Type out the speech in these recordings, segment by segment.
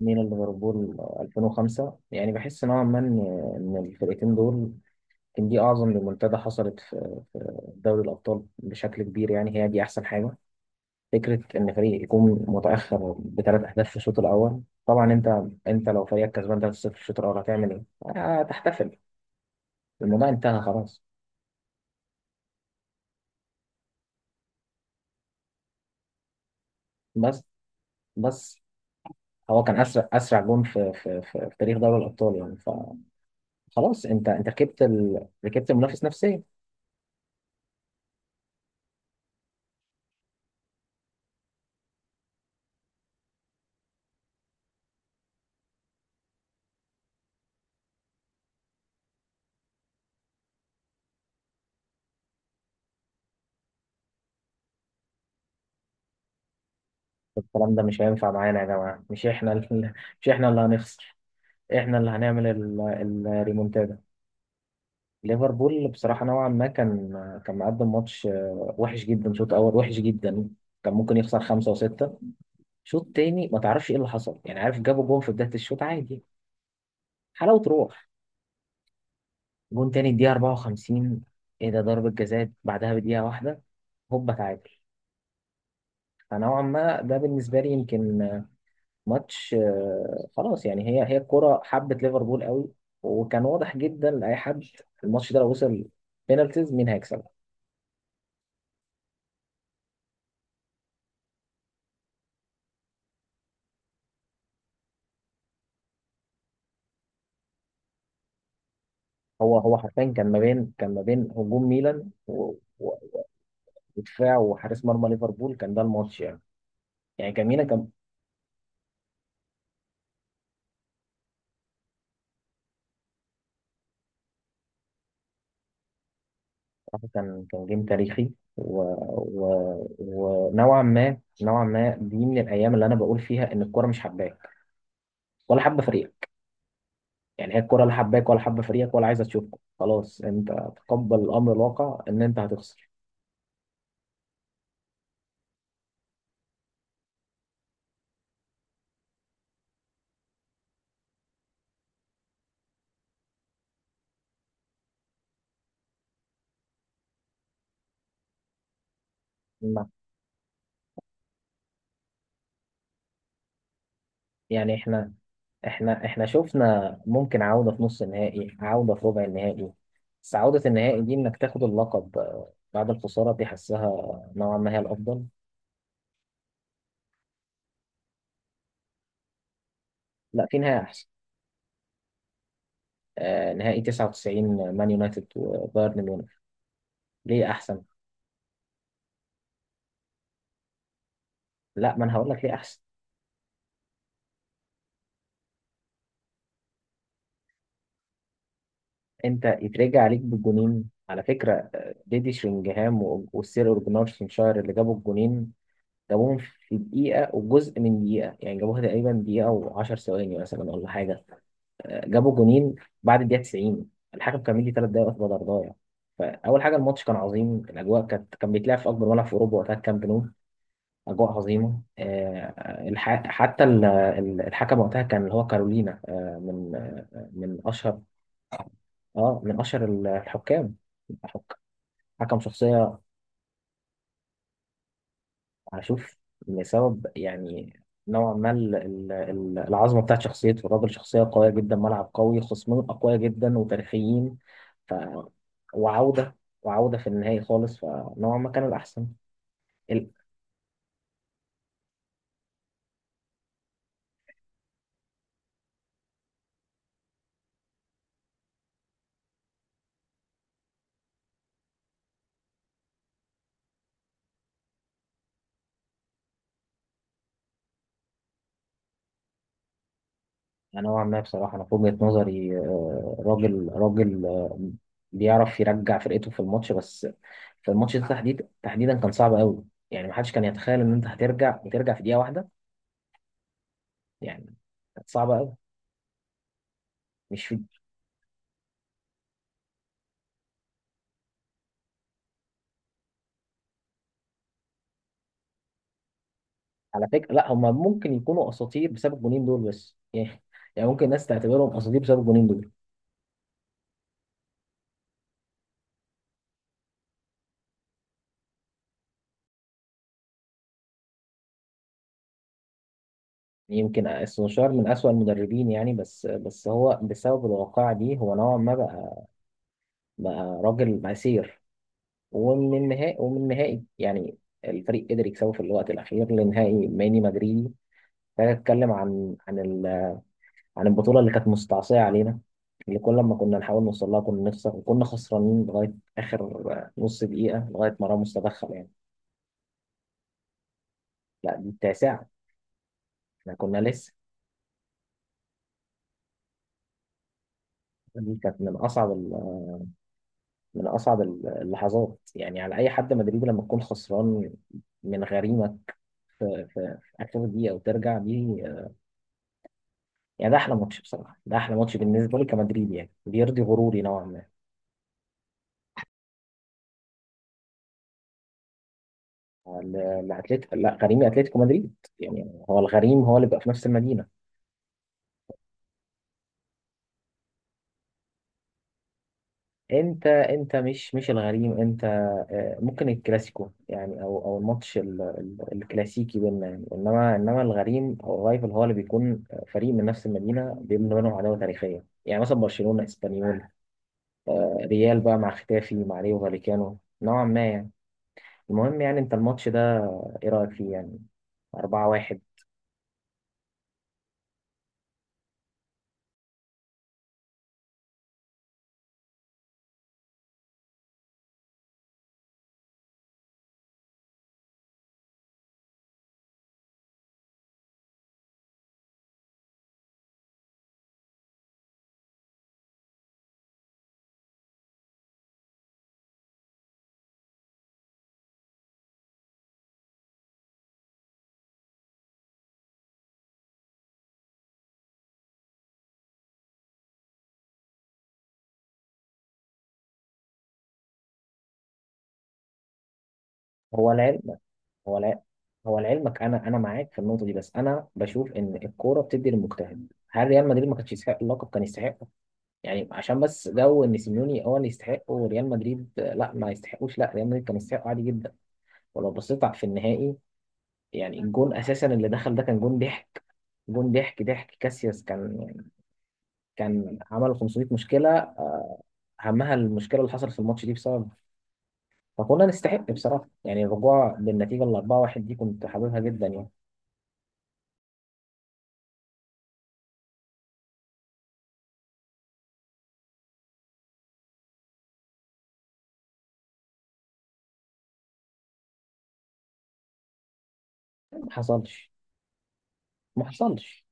ميلان ليفربول 2005، يعني بحس نوعا ما إن الفرقتين دول كان دي اعظم ريمونتادا حصلت في دوري الابطال بشكل كبير. يعني هي دي احسن حاجه، فكره ان فريق يكون متاخر بثلاث اهداف في الشوط الاول. طبعا انت لو فريقك كسبان 3-0 في الشوط الاول، هتعمل ايه؟ هتحتفل، الموضوع انتهى خلاص. بس، بس، هو كان اسرع جون في تاريخ دوري الابطال يعني. فخلاص انت ركبت المنافس نفسيا. الكلام ده مش هينفع معانا يا جماعة. مش احنا ال- مش احنا اللي هنخسر، احنا اللي هنعمل الريمونتادا. ليفربول بصراحة نوعا ما كان، كان مقدم ماتش وحش جدا. شوط أول وحش جدا، كان ممكن يخسر خمسة وستة. شوط تاني ما تعرفش ايه اللي حصل. يعني عارف، جابوا جون في بداية الشوط عادي، حلاوة روح. جون تاني الدقيقة 54، ايه ده؟ ضربة جزاء بعدها بدقيقة واحدة، هوبا تعادل. فنوعا ما ده بالنسبة لي يمكن ماتش خلاص. يعني هي الكرة حبت ليفربول قوي، وكان واضح جدا لأي حد الماتش ده لو وصل بينالتيز مين هيكسب. هو حرفيا كان ما بين، كان ما بين هجوم ميلان و- ودفاع وحارس مرمى ليفربول، كان ده الماتش يعني. يعني كان ميلان كان. بصراحة كان، كان جيم تاريخي. و... ونوعا ما، نوعا ما دي من الأيام اللي أنا بقول فيها إن الكرة مش حباك ولا حابة فريقك. يعني هي الكرة لا حباك ولا حابة فريقك ولا عايزة تشوفك، خلاص انت تقبل الامر الواقع ان انت هتخسر. ما- يعني احنا شفنا ممكن عودة في نص النهائي، عودة في ربع النهائي، بس عودة النهائي دي انك تاخد اللقب بعد الخسارة دي، حسها نوعا ما هي الافضل. لا، في نهائي احسن. نهائي 99 مان يونايتد وبايرن ميونخ. ليه احسن؟ لا، ما انا هقول لك ليه احسن. انت يترجع عليك بالجونين على فكرة. ديدي شرينجهام والسير أوليجنار سولشاير اللي جابوا الجونين. جابوهم في دقيقة وجزء من دقيقة يعني، جابوها تقريبا دقيقة وعشر ثواني مثلا ولا حاجة. جابوا جونين بعد الدقيقة 90. الحكم كان مدي 3 دقايق وقت بدل ضايع. فأول حاجة، الماتش كان عظيم، الأجواء كانت، كان بيتلعب في أكبر ملعب في أوروبا وقتها الكامب نو. أجواء عظيمة. حتى الحكم وقتها كان اللي هو كارولينا، من، من أشهر، من أشهر الحكام. حك- حكم شخصية. اشوف، لسبب يعني. نوعا ما العظمه بتاعت شخصيته، الراجل شخصيه قويه جدا، ملعب قوي، خصمين اقوياء جدا وتاريخيين. ف، وعوده وعوده في النهائي خالص، فنوعا ما كان الاحسن. ال- نوعا ما بصراحه انا في وجهه نظري، راجل، راجل، بيعرف يرجع فرقته في الماتش. بس في الماتش ده تحديدا كان صعب قوي. يعني محدش كان يتخيل ان انت هترجع وترجع في دقيقه واحده يعني. كانت صعبه قوي. مش في. على فكرة، لا، هم ممكن يكونوا اساطير بسبب الجونين دول. بس يعني يعني ممكن الناس تعتبرهم اساطير بسبب الجونين دول. يعني يمكن سولشاير من اسوأ المدربين يعني. بس هو بسبب الواقعة دي، هو نوعا ما بقى، بقى راجل مسير. ومن النهائي، يعني الفريق قدر يكسبه في الوقت الاخير لنهائي ماني مدريدي. ده اتكلم عن عن البطولة اللي كانت مستعصية علينا، اللي كل ما كنا نحاول نوصل لها كنا نخسر، وكنا خسرانين لغاية آخر نص دقيقة، لغاية ما راموس تدخل يعني. لا، دي التاسعة. احنا كنا لسه. دي كانت من اصعب من اصعب اللحظات يعني على اي حد مدريدي. لما تكون خسران من غريمه في اخر دقيقه وترجع دي، يعني ده احلى ماتش بصراحه. ده احلى ماتش بالنسبه لي كمدريدي، يعني بيرضي غروري نوعا ما. الاتليتيكو، لا، غريمي اتلتيكو مدريد. يعني هو الغريم هو اللي بيبقى في نفس المدينه. انت مش الغريم انت. ممكن الكلاسيكو، يعني او الماتش الكلاسيكي بيننا يعني. انما الغريم او الرايفل هو اللي بيكون فريق من نفس المدينه بيبني بينهم عداوه تاريخيه. يعني مثلا برشلونه اسبانيول، ريال بقى مع ختافي مع ريو فاليكانو نوعا ما يعني. المهم، يعني انت الماتش ده، ايه رايك فيه يعني؟ 4-1. هو العلم، هو العلم. هو لعلمك انا معاك في النقطه دي. بس انا بشوف ان الكوره بتدي للمجتهد. هل ريال مدريد ما كانش يستحق اللقب؟ كان يستحق. يعني عشان بس جو ان سيميوني هو اللي يستحق وريال مدريد، لا، ما يستحقوش؟ لا، ريال مدريد كان يستحق عادي جدا. ولو بصيت في النهائي، يعني الجون اساسا اللي دخل ده كان جون ضحك. جون ضحك كاسياس كان يعني، كان عمل 500 مشكله، اهمها المشكله اللي حصلت في الماتش دي بسبب. فكنا نستحق بصراحه. يعني الرجوع بالنتيجه ال 4-1 دي كنت حاببها جدا يعني. ما حصلش. ما حصلش.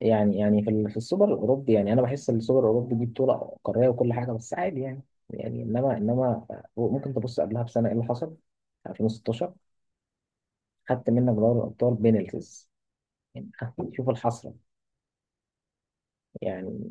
يعني يعني في السوبر الاوروبي، يعني انا بحس ان السوبر الاوروبي دي بطوله قاريه وكل حاجه. بس عادي يعني. يعني انما ممكن تبص قبلها بسنه ايه اللي حصل، 2016. خدت منك دوري الابطال بينالتيز يعني شوف الحسره يعني.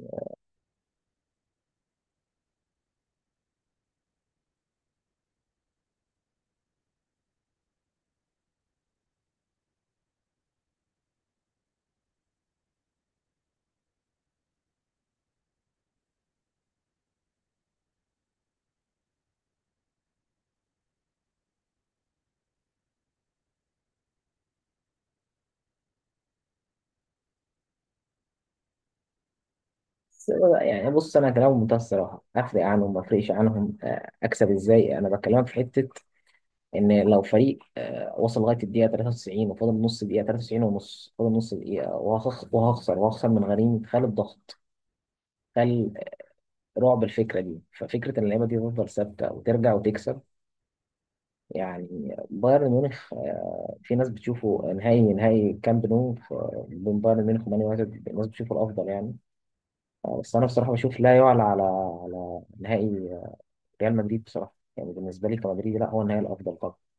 بس- يعني بص، انا كلام بمنتهى الصراحه افرق عنهم ما افرقش عنهم، اكسب ازاي. انا بكلمك في حته، ان لو فريق وصل لغايه الدقيقه 93، وفاضل نص دقيقه، 93 ونص، فاضل نص دقيقه وهخسر، وهخسر من غريم، خال الضغط، خال رعب الفكره دي. ففكره ان اللعيبه دي تفضل ثابته وترجع وتكسب يعني. بايرن ميونخ، في ناس بتشوفه نهائي، كامب نو، بين بايرن ميونخ ومان يونايتد، الناس بتشوفه الافضل يعني. بس انا بصراحه بشوف لا يعلى على، على نهائي، ريال مدريد بصراحه. يعني بالنسبه لي كمدريدي لا، هو النهائي الافضل طبعا.